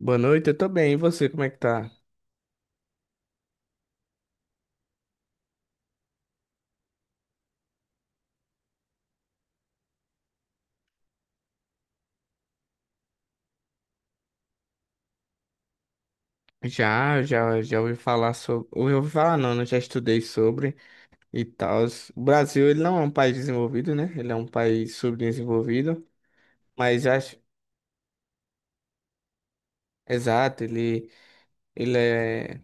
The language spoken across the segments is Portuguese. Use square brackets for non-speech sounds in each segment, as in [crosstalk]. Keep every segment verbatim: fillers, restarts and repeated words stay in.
Boa noite, eu tô bem. E você, como é que tá? Já, já, já ouvi falar sobre. Ouvi falar, não, né? Já estudei sobre e tal. O Brasil, ele não é um país desenvolvido, né? Ele é um país subdesenvolvido, mas eu acho. Exato, ele, ele é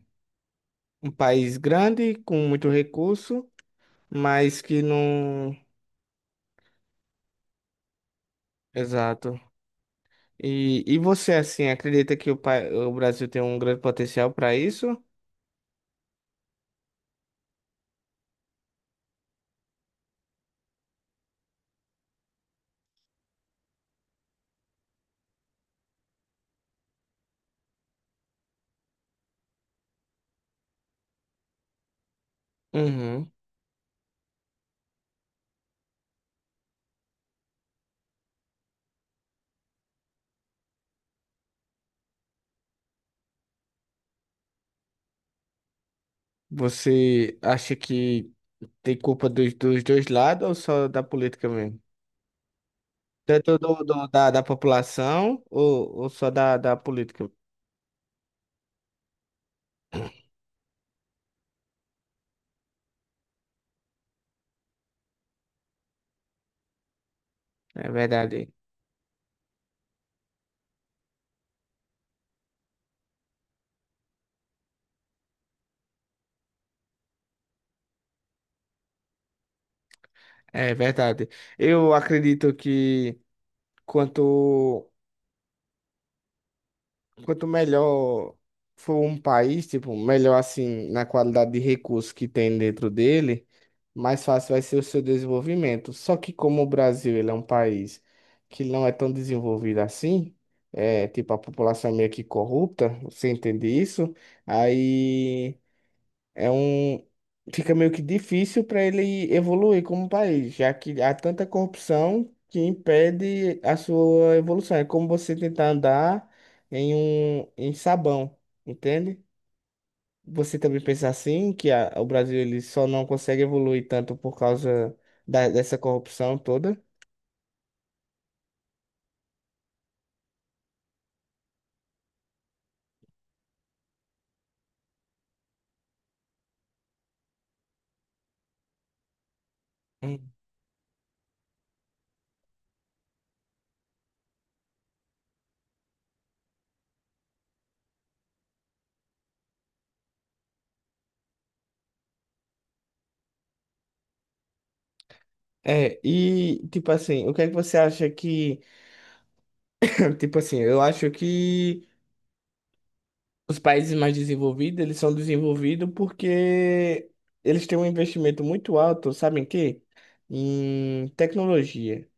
um país grande, com muito recurso, mas que não. Exato. E, e você, assim, acredita que o, pa... o Brasil tem um grande potencial para isso? Uhum. Você acha que tem culpa dos, dos dois lados ou só da política mesmo? Tanto do, do- da, da população ou, ou só da, da política? É verdade. É verdade. Eu acredito que quanto quanto melhor for um país, tipo, melhor assim na qualidade de recursos que tem dentro dele, mais fácil vai ser o seu desenvolvimento. Só que como o Brasil, ele é um país que não é tão desenvolvido assim, é, tipo, a população é meio que corrupta, você entende isso? Aí é um. Fica meio que difícil para ele evoluir como país, já que há tanta corrupção que impede a sua evolução. É como você tentar andar em um em sabão, entende? Você também pensa assim, que a- o Brasil ele só não consegue evoluir tanto por causa da- dessa corrupção toda? Hum. É, e tipo assim, o que é que você acha que, [clears throat] tipo assim, eu acho que os países mais desenvolvidos, eles são desenvolvidos porque eles têm um investimento muito alto, sabe em quê? Em tecnologia.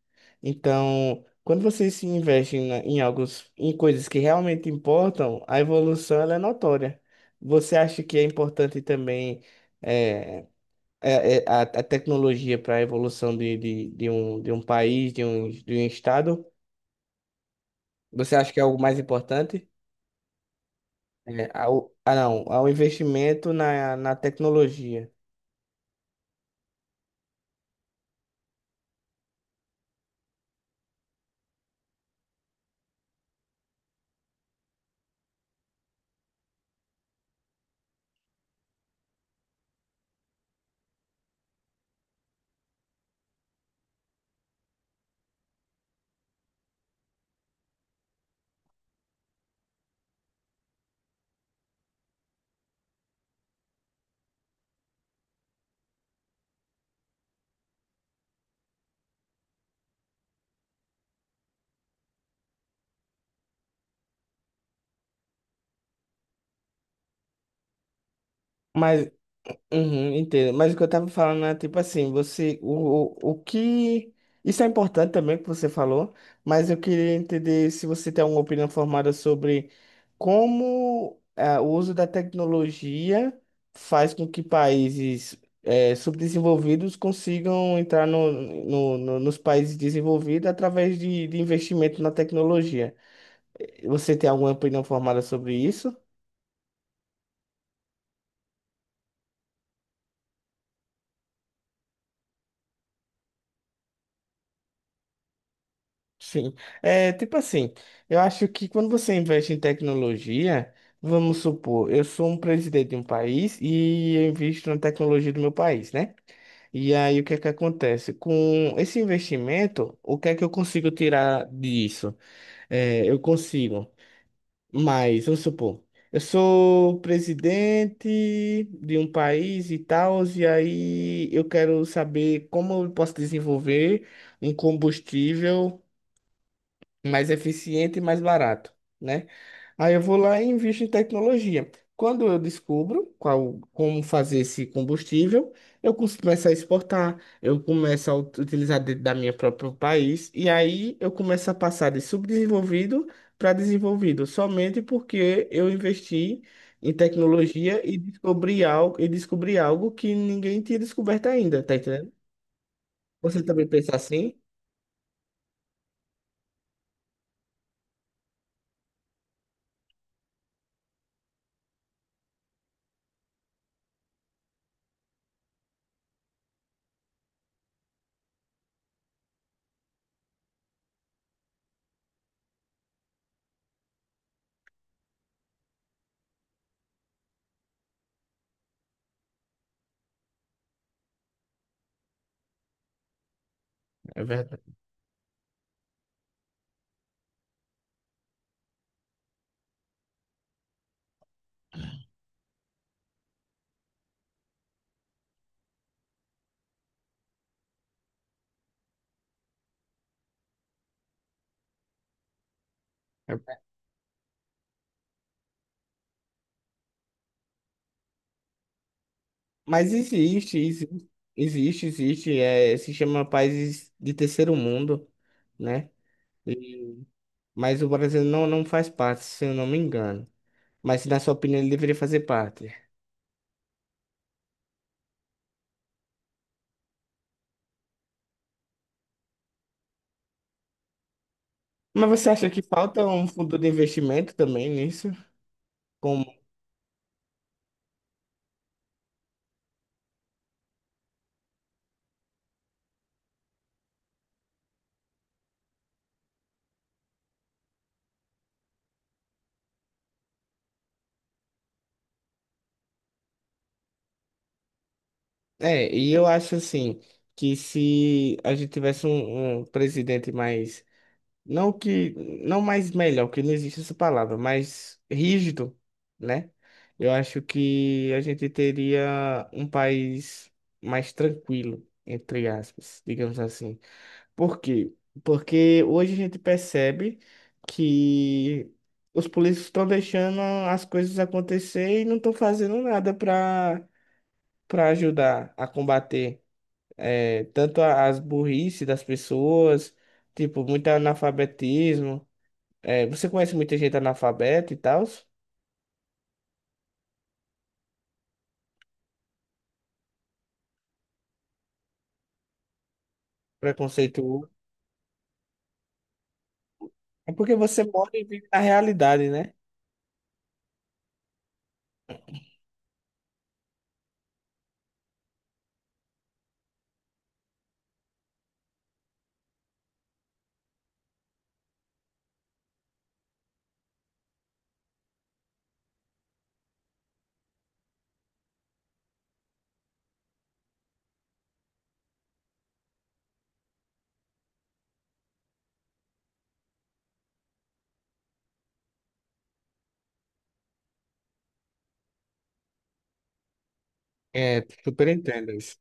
Então, quando vocês se investem na- em alguns, em coisas que realmente importam, a evolução ela é notória. Você acha que é importante também eh, é- é a, a tecnologia para a evolução de, de, de um, de um país, de um, de um estado? Você acha que é algo mais importante? É, ao, ah, não, ao investimento na, na tecnologia. Mas, uhum, entendo. Mas o que eu tava falando é tipo assim, você, o, o, o que. Isso é importante também que você falou, mas eu queria entender se você tem alguma opinião formada sobre como ah, o uso da tecnologia faz com que países eh, subdesenvolvidos consigam entrar no, no, no- nos países desenvolvidos através de, de investimento na tecnologia. Você tem alguma opinião formada sobre isso? Sim. É, tipo assim, eu acho que quando você investe em tecnologia, vamos supor, eu sou um presidente de um país e eu invisto na tecnologia do meu país, né? E aí o que é que acontece? Com esse investimento, o que é que eu consigo tirar disso? É, eu consigo. Mas, vamos supor, eu sou presidente de um país e tal, e aí eu quero saber como eu posso desenvolver um combustível mais eficiente e mais barato, né? Aí eu vou lá e invisto em tecnologia. Quando eu descubro qual, como fazer esse combustível, eu cons- começo a exportar, eu começo a ut- utilizar dentro da minha próprio país, e aí eu começo a passar de subdesenvolvido para desenvolvido, somente porque eu investi em tecnologia e descobri algo, e descobri algo que ninguém tinha descoberto ainda, tá entendendo? Você também pensa assim? É verdade. Mas existe, existe, existe, existe, é, se chama países de terceiro mundo, né? E- mas o Brasil não, não faz parte, se eu não me engano. Mas, na sua opinião, ele deveria fazer parte. Mas você acha que falta um fundo de investimento também nisso? Como... É, e eu acho assim, que se a gente tivesse um, um presidente mais não que, não mais melhor, que não existe essa palavra, mas rígido, né? Eu acho que a gente teria um país mais tranquilo, entre aspas, digamos assim. Por quê? Porque hoje a gente percebe que os políticos estão deixando as coisas acontecer e não estão fazendo nada para para ajudar a combater eh, tanto a- as burrice das pessoas, tipo, muito analfabetismo. É, você conhece muita gente analfabeta e tal? Preconceituoso. É porque você mora e vive na realidade, né? É, super entendo isso.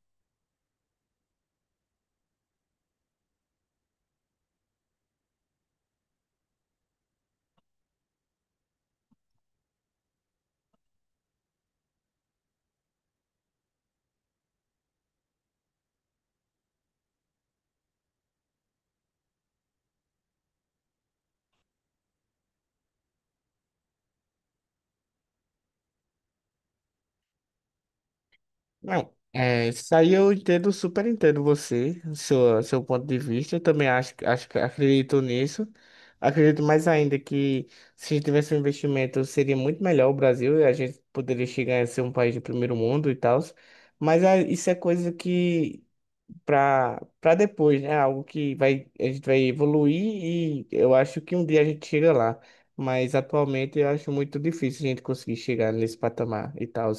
Não, é, isso aí eu entendo, super entendo você, seu, seu ponto de vista. Eu também acho, acho, que acredito nisso. Acredito mais ainda que se tivesse um investimento seria muito melhor o Brasil e a gente poderia chegar a ser um país de primeiro mundo e tal. Mas ah, isso é coisa que para para depois, né? Algo que vai a gente vai evoluir e eu acho que um dia a gente chega lá, mas atualmente eu acho muito difícil a gente conseguir chegar nesse patamar e tal.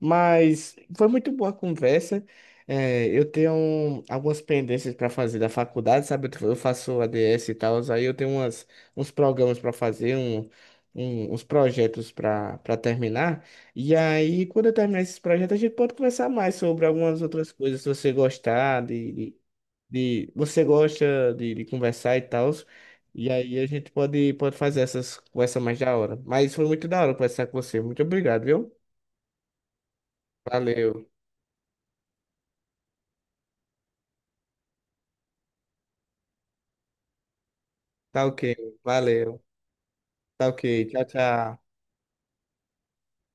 Mas foi muito boa a conversa. É, eu tenho algumas pendências para fazer da faculdade, sabe? Eu eu faço A D S e tal, aí eu tenho umas, uns programas para fazer, um, um- uns projetos para para terminar. E aí, quando eu terminar esses projetos, a gente pode conversar mais sobre algumas outras coisas, se você gostar de, de, de- você gosta de, de conversar e tal. E aí a gente pode, pode fazer essas conversas mais da hora. Mas foi muito da hora conversar com você. Muito obrigado, viu? Valeu. Tá ok, valeu. Tá ok, tchau, tchau.